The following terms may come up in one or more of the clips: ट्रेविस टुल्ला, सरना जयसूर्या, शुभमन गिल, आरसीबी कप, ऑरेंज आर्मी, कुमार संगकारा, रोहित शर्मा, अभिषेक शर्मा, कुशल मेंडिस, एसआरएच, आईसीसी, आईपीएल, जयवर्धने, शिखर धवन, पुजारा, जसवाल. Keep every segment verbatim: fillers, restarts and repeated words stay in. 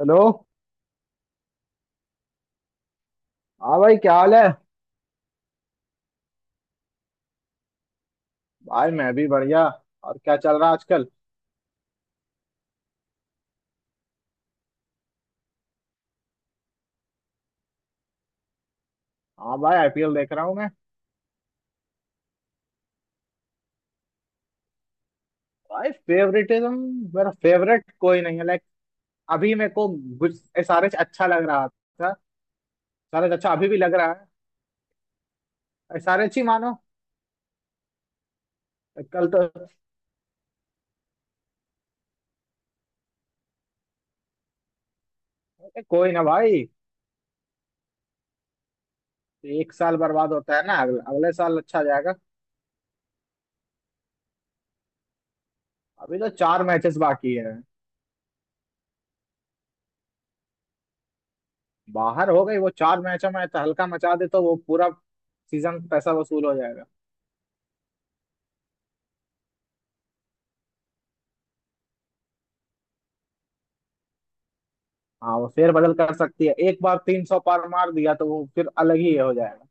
Hello. हाँ भाई क्या हाल है। भाई मैं भी बढ़िया। और क्या चल रहा है आजकल। हाँ भाई आई पी एल देख रहा हूँ मैं। भाई फेवरेटिज्म मेरा फेवरेट कोई नहीं है लाइक। अभी मेरे को गुज- एस आर एच अच्छा लग रहा था। एस आर एच अच्छा अभी भी लग रहा है। एस आर एच ही मानो। कल तो। कोई ना भाई। एक साल बर्बाद होता है ना, अगले, अगले साल अच्छा जाएगा। अभी तो चार मैचेस बाकी है। बाहर हो गई वो, चार मैचों में तो हल्का मचा दे तो वो पूरा सीजन पैसा वसूल हो। हाँ वो फेर बदल कर सकती है, एक बार तीन सौ पार मार दिया तो वो फिर अलग ही हो जाएगा।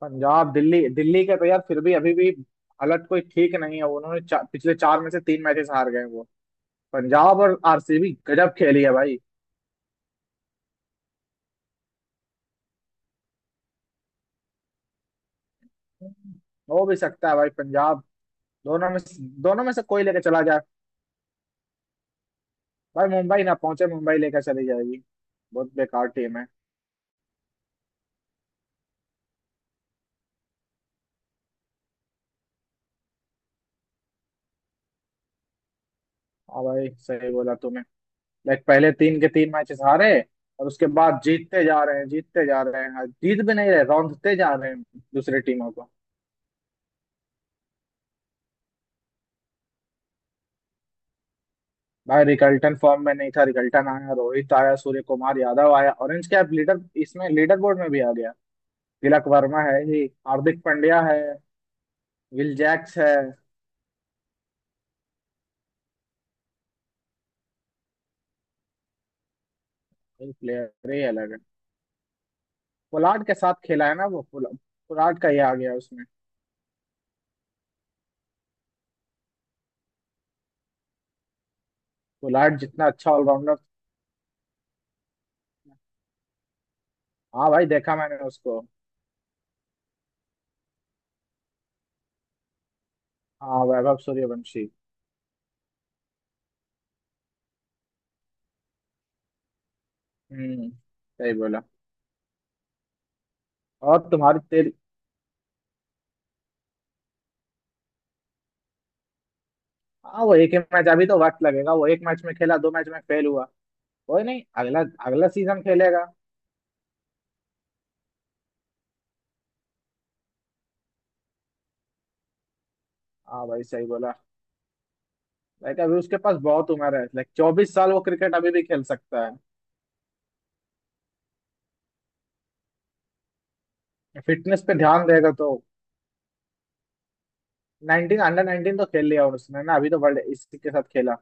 पंजाब दिल्ली, दिल्ली के तो यार फिर भी अभी भी हालत कोई ठीक नहीं है। उन्होंने चा, पिछले चार में से तीन मैचेस हार गए वो। पंजाब और आर सी बी गजब खेली है भाई। हो भी सकता है भाई। पंजाब दोनों में दोनों में से कोई लेके चला जाए। भाई मुंबई ना पहुंचे, मुंबई लेकर चली जाएगी। बहुत बेकार टीम है। हाँ भाई सही बोला तूने। लाइक पहले तीन के तीन मैचेस हारे और उसके बाद जीतते जा रहे हैं, जीतते जा रहे हैं। हाँ, जीत भी नहीं रहे, रौंदते जा रहे हैं दूसरी टीमों को। भाई रिकल्टन फॉर्म में नहीं था, रिकल्टन आया, रोहित आया, सूर्य कुमार यादव आया, ऑरेंज कैप लीडर इसमें लीडर बोर्ड में भी आ गया। तिलक वर्मा है ही, हार्दिक पांड्या है, विल जैक्स है। ये प्लेयर ही अलग है। पोलार्ड के साथ खेला है ना वो पोला- पोलार्ड का ही आ गया उसमें। पोलार्ड जितना अच्छा ऑलराउंडर। हाँ भाई देखा मैंने उसको। हाँ वैभव सूर्यवंशी। हम्म। सही बोला। और तुम्हारी तेरी। हाँ वो एक ही मैच, अभी तो वक्त लगेगा, वो एक मैच में खेला, दो मैच में फेल हुआ। कोई नहीं, अगला अगला सीजन खेलेगा। हाँ भाई सही बोला। लाइक अभी उसके पास बहुत उम्र है, लाइक चौबीस साल वो क्रिकेट अभी भी खेल सकता है। फिटनेस पे ध्यान देगा तो। नाइनटीन अंडर नाइनटीन तो खेल लिया उसने ना, अभी तो वर्ल्ड इसी के साथ खेला।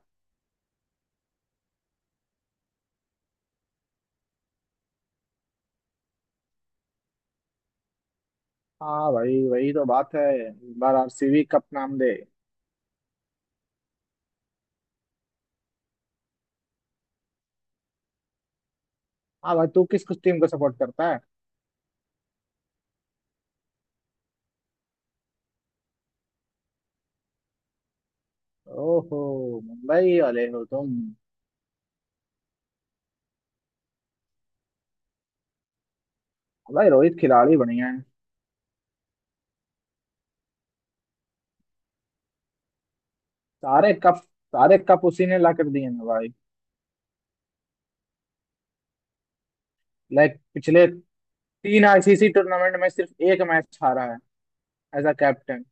हाँ भाई वही तो बात है। इस बार आर सी बी कप नाम दे। हाँ भाई तू किस किस टीम को सपोर्ट करता है। ओहो मुंबई वाले हो तुम। भाई रोहित खिलाड़ी बढ़िया है, सारे कप, सारे कप उसी ने ला कर दिए ना भाई। लाइक पिछले तीन आई सी सी टूर्नामेंट में सिर्फ एक मैच हारा है। As a captain.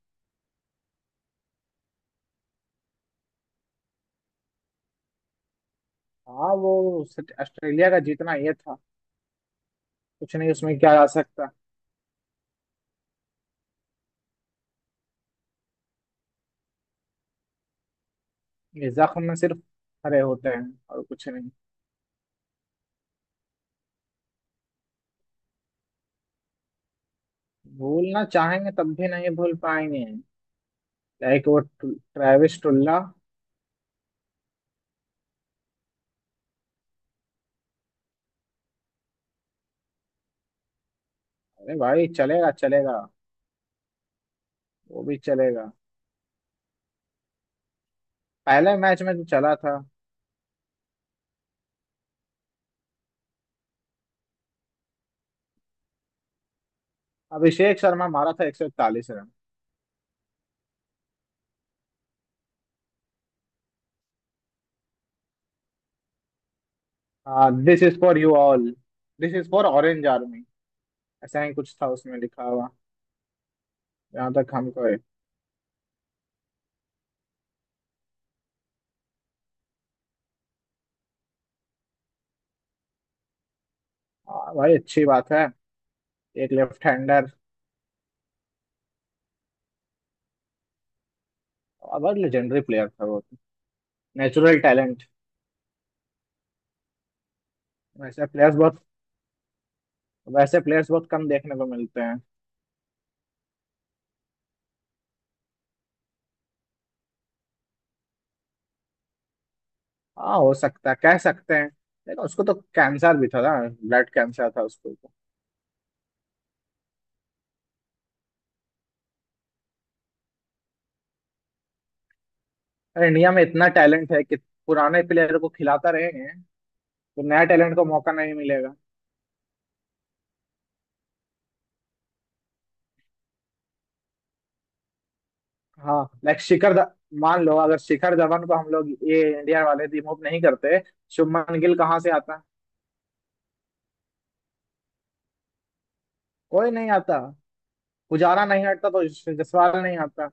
हाँ वो सिर्फ ऑस्ट्रेलिया का जीतना ये था। कुछ नहीं उसमें क्या आ सकता। ये जख्म में सिर्फ हरे होते हैं, और कुछ नहीं। भूलना चाहेंगे तब भी नहीं भूल पाएंगे। लाइक वो ट्रेविस टुल्ला। अरे भाई चलेगा चलेगा। वो भी चलेगा। पहले मैच में तो चला था। अभिषेक शर्मा मारा था एक सौ इकतालीस रन। हाँ this is for you all. This is for ऑरेंज आर्मी। ऐसा ही कुछ था उसमें लिखा हुआ। जहाँ तक हमको है। हाँ भाई अच्छी बात है। एक लेफ्ट हैंडर। बहुत लेजेंडरी प्लेयर था वो। Natural talent. वैसे प्लेयर्स बहुत वैसे प्लेयर्स बहुत कम देखने को मिलते हैं। हाँ हो सकता है, कह सकते हैं, लेकिन उसको तो कैंसर भी था ना। ब्लड कैंसर था उसको तो। अरे इंडिया में इतना टैलेंट है कि पुराने प्लेयर को खिलाता रहेंगे तो नया टैलेंट को मौका नहीं मिलेगा। हाँ लाइक शिखर ध- मान लो, अगर शिखर धवन को हम लोग ये इंडिया वाले रिमूव नहीं करते, शुभमन गिल कहाँ से आता। कोई नहीं आता। पुजारा नहीं हटता तो जसवाल नहीं आता।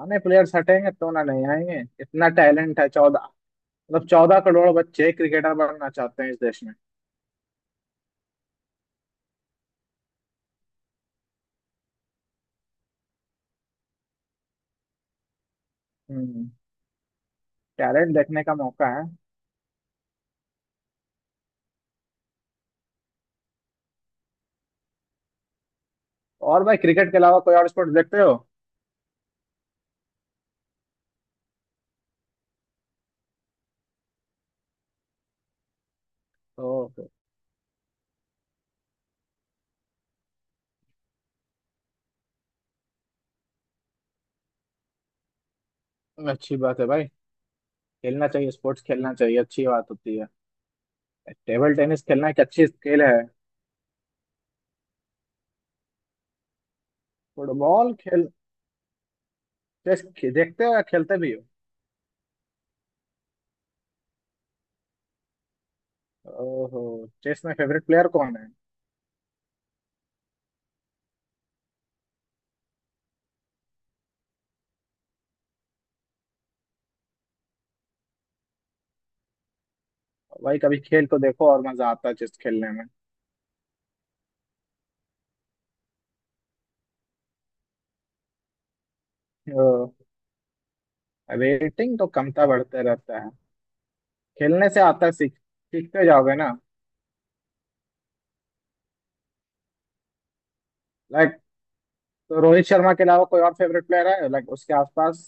आने प्लेयर्स हटेंगे तो ना नहीं आएंगे, इतना टैलेंट है। चौदह, मतलब चौदह करोड़ बच्चे क्रिकेटर बनना चाहते हैं इस देश में। हम्म। टैलेंट देखने का मौका है। और भाई क्रिकेट के अलावा कोई और स्पोर्ट्स देखते हो। तो तो। अच्छी बात है भाई। खेलना चाहिए, स्पोर्ट्स खेलना चाहिए, अच्छी बात होती है। टेबल टेनिस खेलना एक अच्छी स्किल है। फुटबॉल खेल। चेस खे- देखते हो या खेलते भी हो। ओहो। चेस में फेवरेट प्लेयर कौन है। भाई कभी खेल तो देखो, और मजा आता है चेस खेलने में। ओ, रेटिंग तो कमता बढ़ते रहता है। खेलने से आता है सीख, सीखते जाओगे ना। लाइक। तो रोहित शर्मा के अलावा कोई और फेवरेट प्लेयर है लाइक उसके आसपास।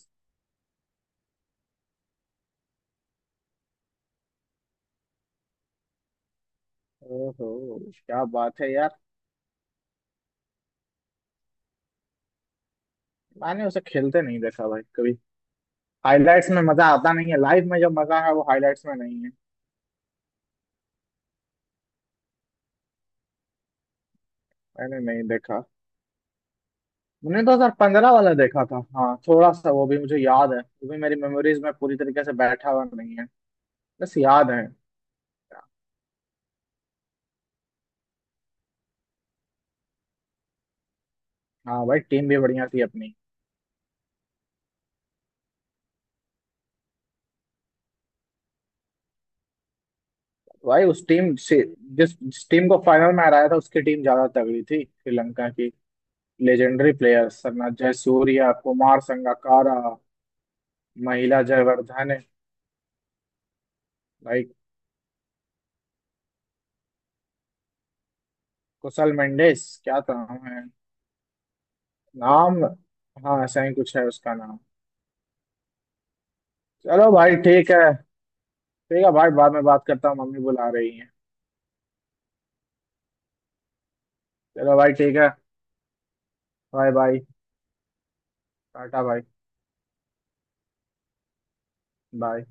ओहो। क्या बात है यार। मैंने उसे खेलते नहीं देखा भाई कभी। हाइलाइट्स में मजा आता नहीं है, लाइव में जो मजा है वो हाइलाइट्स में नहीं है। मैंने नहीं देखा। मैंने दो हज़ार पंद्रह वाला देखा था। हाँ थोड़ा सा वो भी मुझे याद है, वो भी मेरी मेमोरीज में पूरी तरीके से बैठा हुआ नहीं है, बस याद है। हाँ भाई टीम भी बढ़िया थी अपनी। भाई उस टीम से, जिस जिस टीम को फाइनल में हराया था, उसकी टीम ज्यादा तगड़ी थी श्रीलंका की। लेजेंडरी प्लेयर सरना जयसूर्या, कुमार संगकारा, महिला जयवर्धने। भाई कुशल मेंडिस क्या था, है नाम। हाँ ऐसा ही कुछ है उसका नाम। चलो भाई ठीक है। ठीक है भाई, बाद में बात करता हूँ, मम्मी बुला रही है। चलो भाई ठीक है। Bye bye. टाटा भाई। बाय।